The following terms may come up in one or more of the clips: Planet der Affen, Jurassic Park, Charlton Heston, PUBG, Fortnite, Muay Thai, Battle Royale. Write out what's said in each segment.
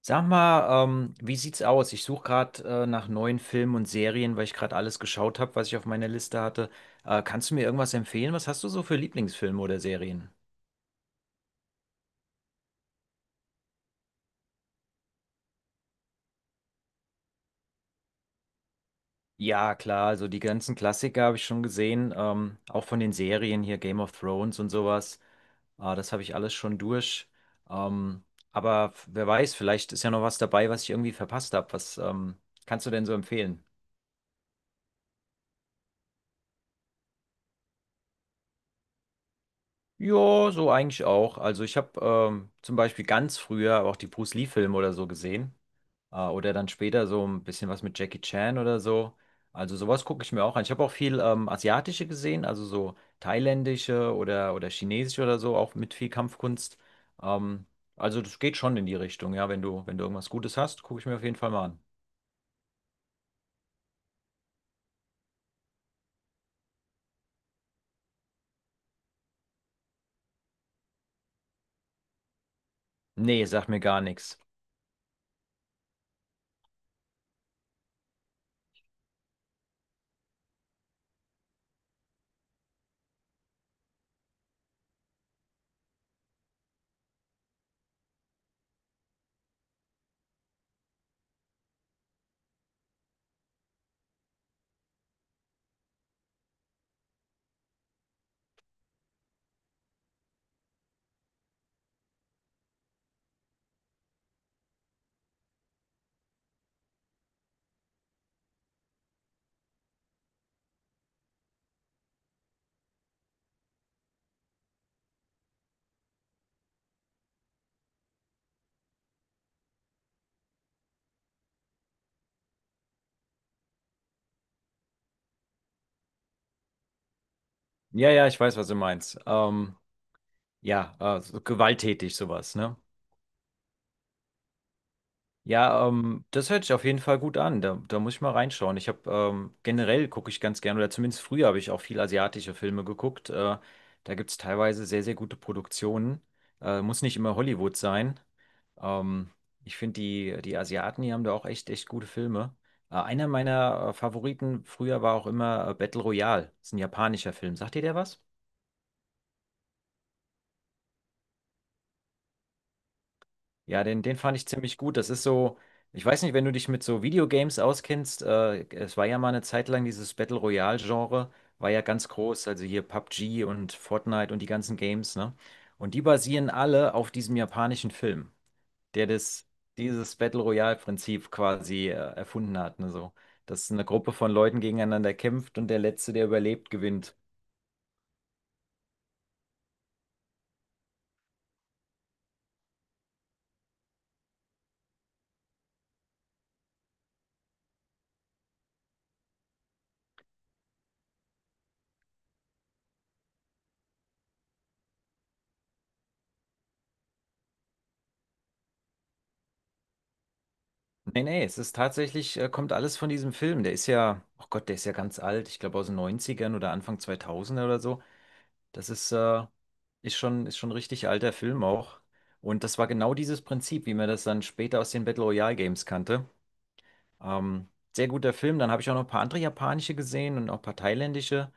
Sag mal, wie sieht's aus? Ich suche gerade nach neuen Filmen und Serien, weil ich gerade alles geschaut habe, was ich auf meiner Liste hatte. Kannst du mir irgendwas empfehlen? Was hast du so für Lieblingsfilme oder Serien? Ja, klar, also die ganzen Klassiker habe ich schon gesehen, auch von den Serien hier Game of Thrones und sowas. Das habe ich alles schon durch. Ähm, Wer weiß, vielleicht ist ja noch was dabei, was ich irgendwie verpasst habe. Was kannst du denn so empfehlen? Ja, so eigentlich auch. Also ich habe zum Beispiel ganz früher auch die Bruce Lee-Filme oder so gesehen. Oder dann später so ein bisschen was mit Jackie Chan oder so. Also sowas gucke ich mir auch an. Ich habe auch viel asiatische gesehen, also so thailändische oder chinesische oder so, auch mit viel Kampfkunst. Ähm, also das geht schon in die Richtung, ja. Wenn du irgendwas Gutes hast, gucke ich mir auf jeden Fall mal an. Nee, sagt mir gar nichts. Ja, ja, ich weiß, was du meinst. Ja, so gewalttätig sowas, ne? Ja, das hört sich auf jeden Fall gut an. Da muss ich mal reinschauen. Ich habe generell gucke ich ganz gerne, oder zumindest früher habe ich auch viel asiatische Filme geguckt. Da gibt es teilweise sehr, sehr gute Produktionen. Muss nicht immer Hollywood sein. Ähm, Ich finde, die, die Asiaten, die haben da auch echt, echt gute Filme. Einer meiner Favoriten früher war auch immer Battle Royale. Das ist ein japanischer Film. Sagt ihr der was? Ja, den, den fand ich ziemlich gut. Das ist so, ich weiß nicht, wenn du dich mit so Videogames auskennst, es war ja mal eine Zeit lang dieses Battle Royale-Genre, war ja ganz groß, also hier PUBG und Fortnite und die ganzen Games, ne? Und die basieren alle auf diesem japanischen Film, der das, dieses Battle Royale-Prinzip quasi, erfunden hat, ne? So, dass eine Gruppe von Leuten gegeneinander kämpft und der Letzte, der überlebt, gewinnt. Nee, nee, es ist tatsächlich, kommt alles von diesem Film. Der ist ja, oh Gott, der ist ja ganz alt. Ich glaube aus den Neunzigern oder Anfang 2000 oder so. Das ist, ist schon ein richtig alter Film auch. Und das war genau dieses Prinzip, wie man das dann später aus den Battle Royale Games kannte. Ähm, Sehr guter Film. Dann habe ich auch noch ein paar andere japanische gesehen und auch ein paar thailändische.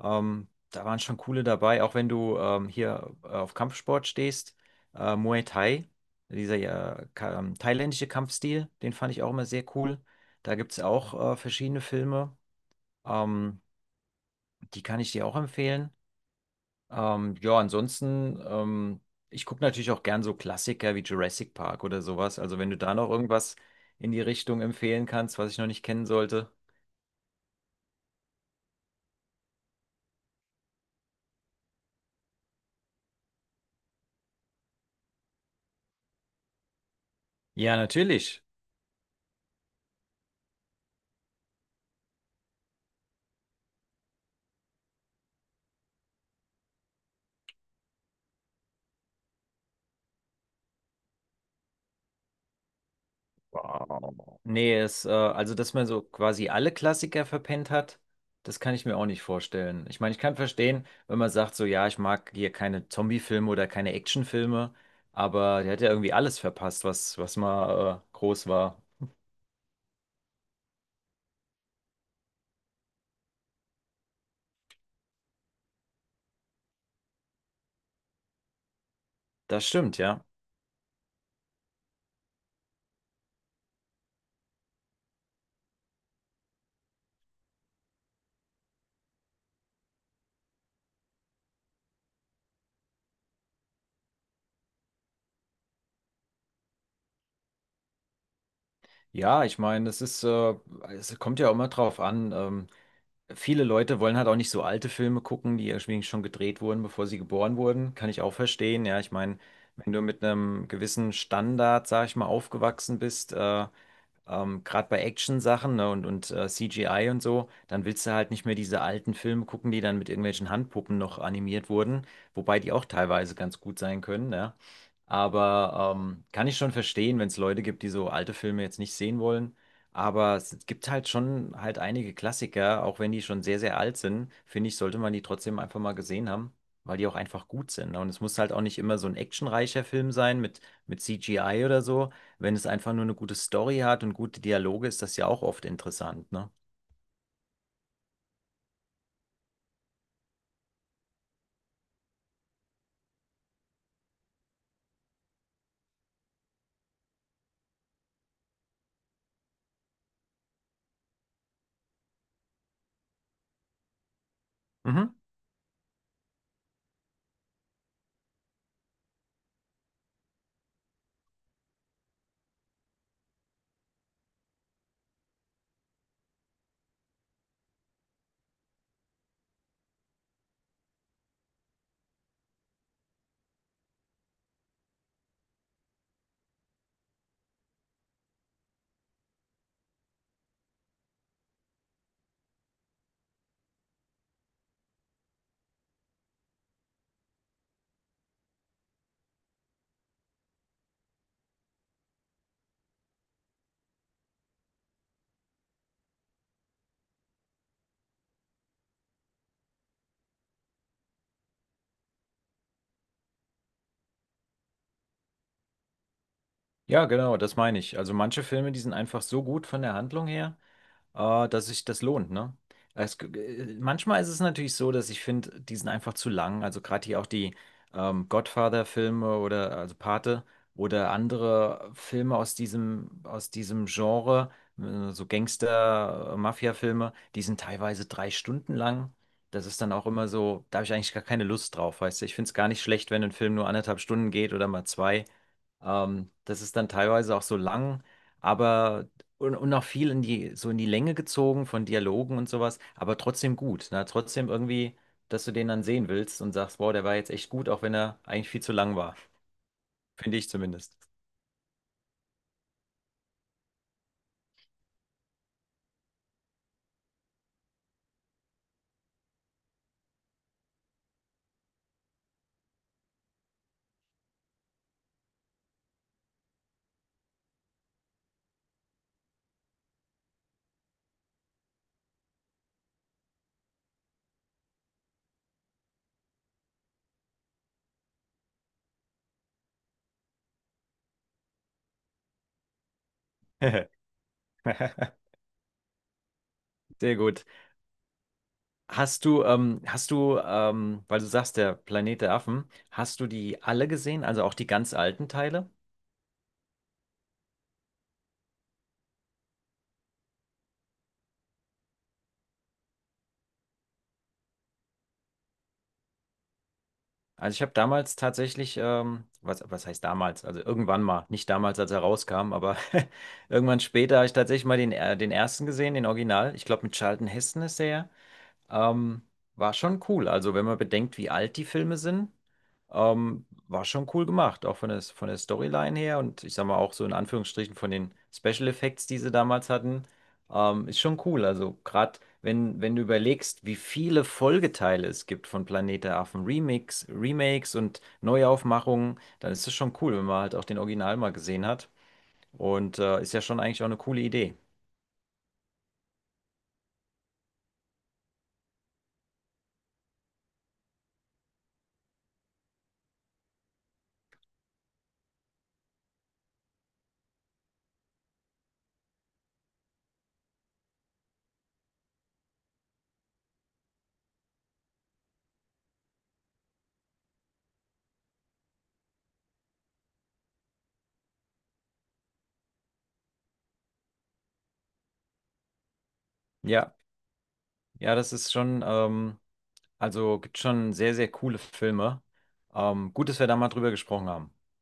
Da waren schon coole dabei, auch wenn du hier auf Kampfsport stehst. Muay Thai, dieser ja, ka thailändische Kampfstil, den fand ich auch immer sehr cool. Da gibt es auch verschiedene Filme. Ähm, Die kann ich dir auch empfehlen. Ja, ansonsten, ich gucke natürlich auch gern so Klassiker wie Jurassic Park oder sowas. Also wenn du da noch irgendwas in die Richtung empfehlen kannst, was ich noch nicht kennen sollte. Ja, natürlich. Wow. Nee, es, also dass man so quasi alle Klassiker verpennt hat, das kann ich mir auch nicht vorstellen. Ich meine, ich kann verstehen, wenn man sagt, so ja, ich mag hier keine Zombie-Filme oder keine Actionfilme, aber der hat ja irgendwie alles verpasst, was, was mal groß war. Das stimmt, ja. Ja, ich meine, es ist, es kommt ja auch immer drauf an. Viele Leute wollen halt auch nicht so alte Filme gucken, die irgendwie schon gedreht wurden, bevor sie geboren wurden. Kann ich auch verstehen. Ja, ich meine, wenn du mit einem gewissen Standard, sag ich mal, aufgewachsen bist, gerade bei Action-Sachen, ne, und CGI und so, dann willst du halt nicht mehr diese alten Filme gucken, die dann mit irgendwelchen Handpuppen noch animiert wurden, wobei die auch teilweise ganz gut sein können, ne? Aber kann ich schon verstehen, wenn es Leute gibt, die so alte Filme jetzt nicht sehen wollen. Aber es gibt halt schon halt einige Klassiker, auch wenn die schon sehr, sehr alt sind, finde ich, sollte man die trotzdem einfach mal gesehen haben, weil die auch einfach gut sind. Ne? Und es muss halt auch nicht immer so ein actionreicher Film sein mit CGI oder so, wenn es einfach nur eine gute Story hat und gute Dialoge, ist das ja auch oft interessant, ne? Mhm. Ja, genau, das meine ich. Also manche Filme, die sind einfach so gut von der Handlung her. Dass sich das lohnt, ne? Es, g- Manchmal ist es natürlich so, dass ich finde, die sind einfach zu lang. Also gerade hier auch die Godfather-Filme oder also Pate oder andere Filme aus diesem Genre, so Gangster-Mafia-Filme, die sind teilweise drei Stunden lang. Das ist dann auch immer so, da habe ich eigentlich gar keine Lust drauf, weißt du? Ich finde es gar nicht schlecht, wenn ein Film nur anderthalb Stunden geht oder mal zwei. Das ist dann teilweise auch so lang, aber und auch viel in die, so in die Länge gezogen von Dialogen und sowas, aber trotzdem gut. Ne? Trotzdem irgendwie, dass du den dann sehen willst und sagst, wow, der war jetzt echt gut, auch wenn er eigentlich viel zu lang war. Finde ich zumindest. Sehr gut. Hast du, weil du sagst, der Planet der Affen, hast du die alle gesehen, also auch die ganz alten Teile? Also ich habe damals tatsächlich, was, was heißt damals? Also irgendwann mal, nicht damals, als er rauskam, aber irgendwann später habe ich tatsächlich mal den, den ersten gesehen, den Original. Ich glaube, mit Charlton Heston ist der ja. Ähm, War schon cool. Also, wenn man bedenkt, wie alt die Filme sind, war schon cool gemacht. Auch von der Storyline her und ich sag mal auch so in Anführungsstrichen von den Special Effects, die sie damals hatten, ist schon cool. Also, gerade wenn, wenn du überlegst, wie viele Folgeteile es gibt von Planet der Affen, Remix, Remakes und Neuaufmachungen, dann ist es schon cool, wenn man halt auch den Original mal gesehen hat. Und ist ja schon eigentlich auch eine coole Idee. Ja, ja, das ist schon. Also gibt schon sehr, sehr coole Filme. Gut, dass wir da mal drüber gesprochen haben.